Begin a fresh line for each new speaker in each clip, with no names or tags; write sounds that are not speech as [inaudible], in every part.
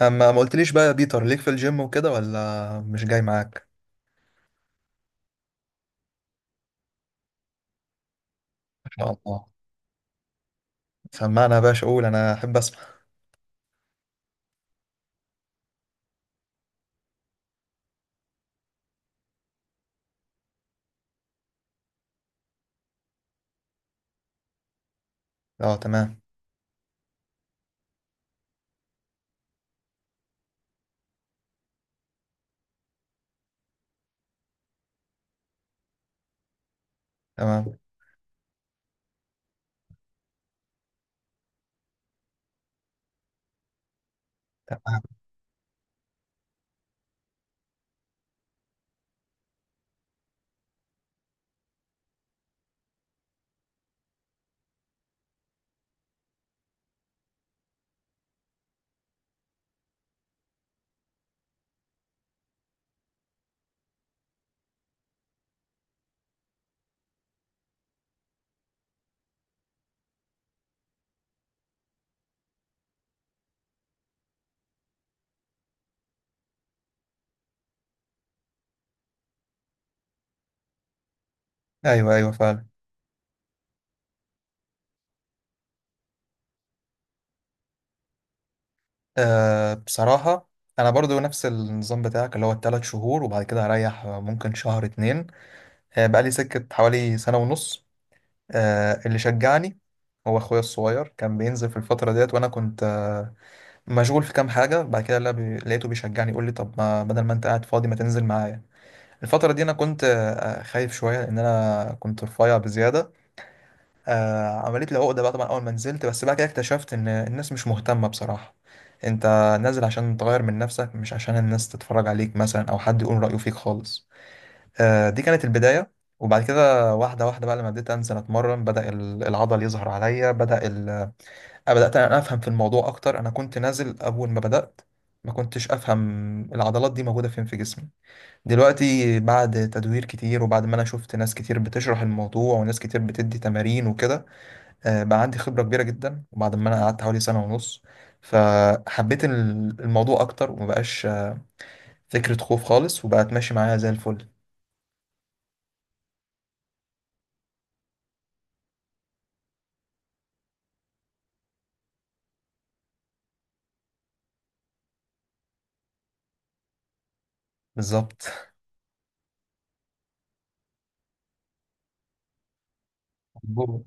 اما ما قلتليش بقى يا بيتر ليك في الجيم وكده ولا مش جاي معاك؟ ما شاء الله. سمعنا يا باشا، قول، انا احب اسمع. اه، تمام. تمام. ايوه ايوه، فعلا. أه، بصراحه انا برضو نفس النظام بتاعك، اللي هو الثلاث شهور وبعد كده هريح ممكن شهر اتنين. أه، بقى لي سكه حوالي سنه ونص. أه، اللي شجعني هو اخويا الصغير، كان بينزل في الفتره ديت وانا كنت مشغول في كام حاجه. بعد كده لا بي- لقيته بيشجعني، يقول لي طب ما بدل ما انت قاعد فاضي ما تنزل معايا. الفترة دي أنا كنت خايف شوية، لأن أنا كنت رفيع بزيادة. عملت لي عقدة بقى طبعا أول ما نزلت، بس بعد كده اكتشفت إن الناس مش مهتمة بصراحة. أنت نازل عشان تغير من نفسك، مش عشان الناس تتفرج عليك مثلا أو حد يقول رأيه فيك خالص. دي كانت البداية. وبعد كده واحدة واحدة بقى، لما بديت أنزل أتمرن بدأ العضل يظهر عليا، بدأ بدأت أنا أفهم في الموضوع أكتر. أنا كنت نازل أول ما بدأت ما كنتش أفهم العضلات دي موجودة فين في جسمي. دلوقتي بعد تدوير كتير، وبعد ما انا شفت ناس كتير بتشرح الموضوع وناس كتير بتدي تمارين وكده، بقى عندي خبرة كبيرة جدا. وبعد ما انا قعدت حوالي سنة ونص فحبيت الموضوع اكتر، ومبقاش فكرة خوف خالص، وبقت ماشي معايا زي الفل. بالظبط. [laughs] مظبوط.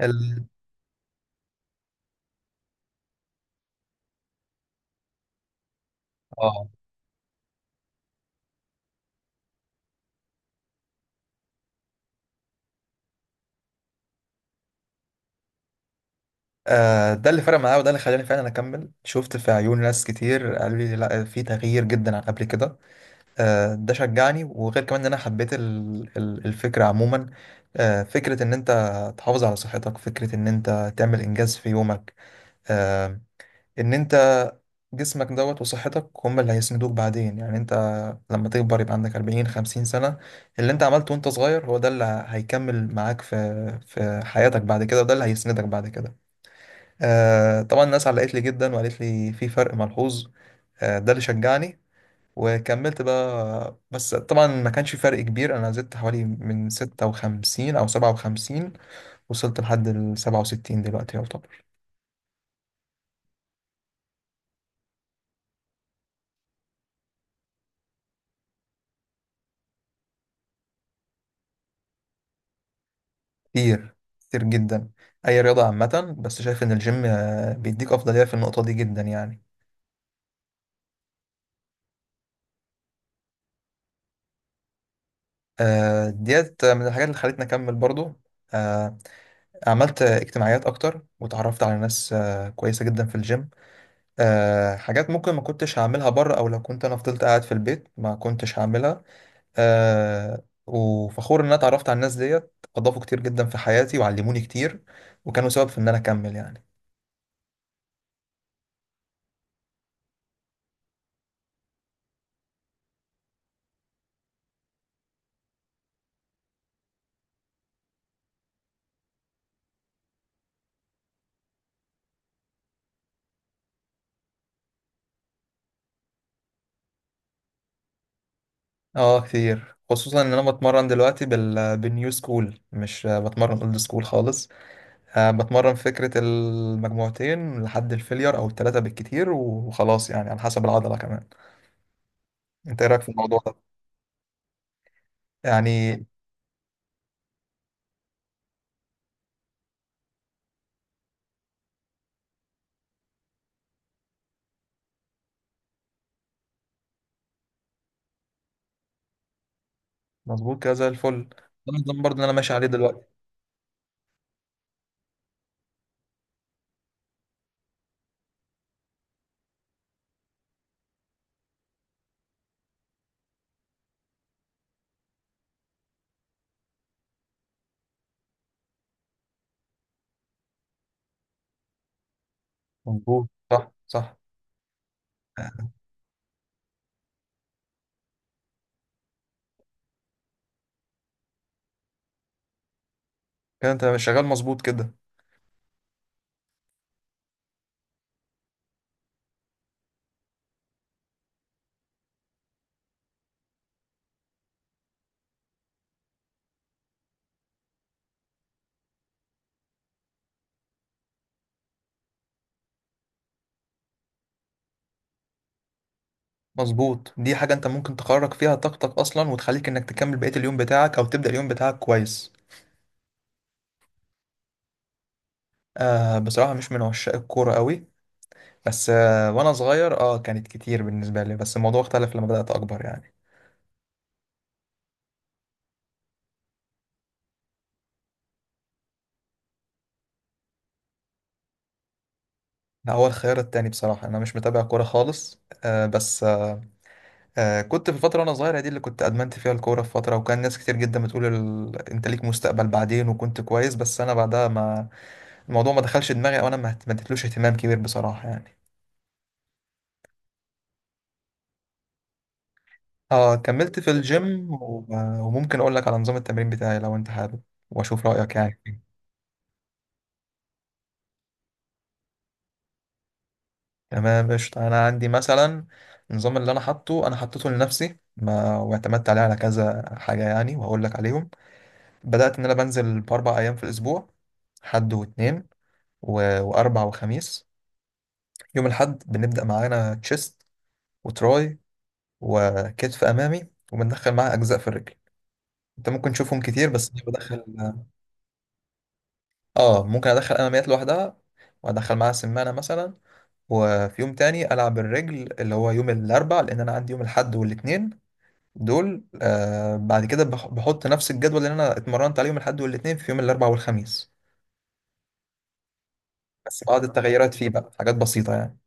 ال... اه ده اللي فرق معايا وده اللي خلاني فعلا اكمل. شفت في عيون ناس كتير قالوا لي لا، في تغيير جدا عن قبل كده. ده شجعني. وغير كمان ان انا حبيت الفكره عموما. فكره ان انت تحافظ على صحتك، فكره ان انت تعمل انجاز في يومك، آه، ان انت جسمك دوت وصحتك هم اللي هيسندوك بعدين. يعني انت لما تكبر يبقى عندك 40 50 سنه، اللي انت عملته وانت صغير هو ده اللي هيكمل معاك في في حياتك بعد كده، وده اللي هيسندك بعد كده. طبعا الناس علقت لي جدا وقالت لي في فرق ملحوظ. ده اللي شجعني وكملت بقى. بس طبعا ما كانش في فرق كبير، انا زدت حوالي من 56 او 57، وصلت لحد ال 67 دلوقتي، يعتبر كتير، كتير جدا. اي رياضة عامة، بس شايف ان الجيم بيديك افضلية في النقطة دي جدا يعني. ديت من الحاجات اللي خلتني اكمل برضو. آه، عملت اجتماعيات اكتر وتعرفت على ناس كويسة جدا في الجيم. حاجات ممكن ما كنتش هعملها بره، او لو كنت انا فضلت قاعد في البيت ما كنتش هعملها. آه، وفخور ان انا اتعرفت على الناس ديت، اضافوا كتير جدا في حياتي وعلموني كتير، وكانوا سبب في ان انا اكمل يعني. اه كتير، خصوصا ان انا بتمرن دلوقتي بالنيو سكول، مش بتمرن اولد سكول خالص. آه، بتمرن فكرة المجموعتين لحد الفيلير او التلاتة بالكتير وخلاص، يعني على حسب العضلة كمان. انت ايه رايك في الموضوع ده؟ يعني مظبوط كده، زي الفل ده النظام برضه اللي انا ماشي عليه دلوقتي. مظبوط، صح صح. آه، كده انت شغال مظبوط كده. مظبوط، دي حاجة انت ممكن تخرج فيها طاقتك اصلا، وتخليك انك تكمل بقية اليوم بتاعك او تبدأ اليوم بتاعك كويس. آه بصراحة مش من عشاق الكورة قوي. بس آه، وانا صغير اه كانت كتير بالنسبة لي، بس الموضوع اختلف لما بدأت اكبر يعني. ده هو الخيار التاني، بصراحة انا مش متابع كورة خالص. آه بس آه، كنت في الفترة وانا صغير دي اللي كنت ادمنت فيها الكورة في فترة، وكان ناس كتير جدا بتقول انت ليك مستقبل بعدين، وكنت كويس. بس انا بعدها ما الموضوع ما دخلش دماغي، او انا ما اديتلوش اهتمام كبير بصراحة يعني. اه كملت في الجيم وممكن اقول لك على نظام التمرين بتاعي لو انت حابب، واشوف رأيك يعني فيه. تمام قشطة. انا عندي مثلا النظام اللي انا حاطه، انا حطيته لنفسي ما واعتمدت عليه على كذا حاجة يعني، وهقول لك عليهم. بدأت ان انا بنزل باربع ايام في الاسبوع، حد واثنين واربع وخميس. يوم الحد بنبدأ معانا تشيست، وتراي، وكتف امامي، وبندخل معاه اجزاء في الرجل. انت ممكن تشوفهم كتير، بس انا بدخل اه، ممكن ادخل اماميات لوحدها، وادخل معاها سمانه مثلا. وفي يوم تاني العب الرجل، اللي هو يوم الاربع، لان انا عندي يوم الاحد والاثنين دول. آه، بعد كده بحط نفس الجدول اللي انا اتمرنت عليه يوم الاحد والاثنين في يوم الاربع والخميس، بس بعض التغيرات فيه بقى، حاجات بسيطه يعني.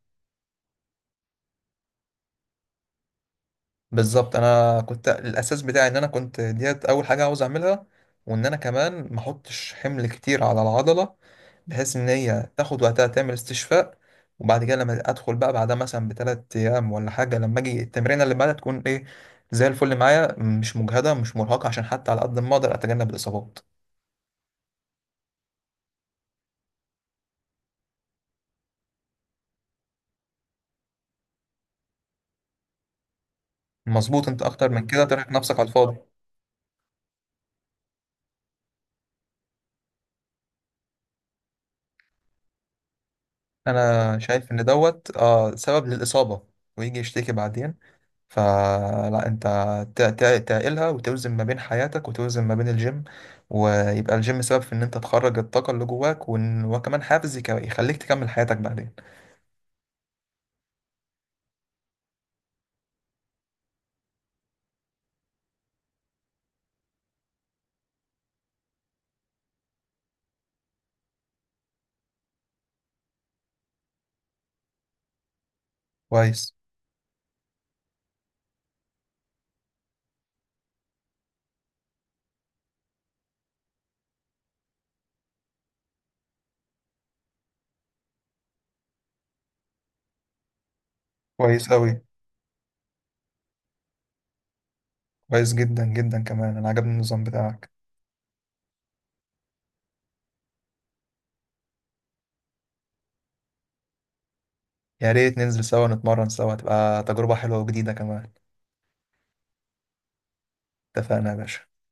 بالظبط، انا كنت الاساس بتاعي ان انا كنت ديت اول حاجه عاوز اعملها، وان انا كمان ما احطش حمل كتير على العضله، بحيث ان هي تاخد وقتها تعمل استشفاء. وبعد كده لما ادخل بقى بعدها مثلا بثلاث ايام ولا حاجه، لما اجي التمرين اللي بعدها تكون ايه زي الفل معايا، مش مجهده مش مرهقه، عشان حتى على قد ما اقدر اتجنب الاصابات. مظبوط، انت اكتر من كده ترهق نفسك على الفاضي. انا شايف ان دوت آه، سبب للاصابه، ويجي يشتكي بعدين. فلا، انت تعقلها وتوزن ما بين حياتك وتوزن ما بين الجيم، ويبقى الجيم سبب في ان انت تخرج الطاقة اللي جواك، وكمان حافز يخليك تكمل حياتك بعدين. كويس. كويس قوي. كويس جدا جدا، كمان انا عجبني النظام بتاعك. يا ريت ننزل سوا نتمرن سوا، تبقى تجربة حلوة وجديدة كمان. اتفقنا يا باشا.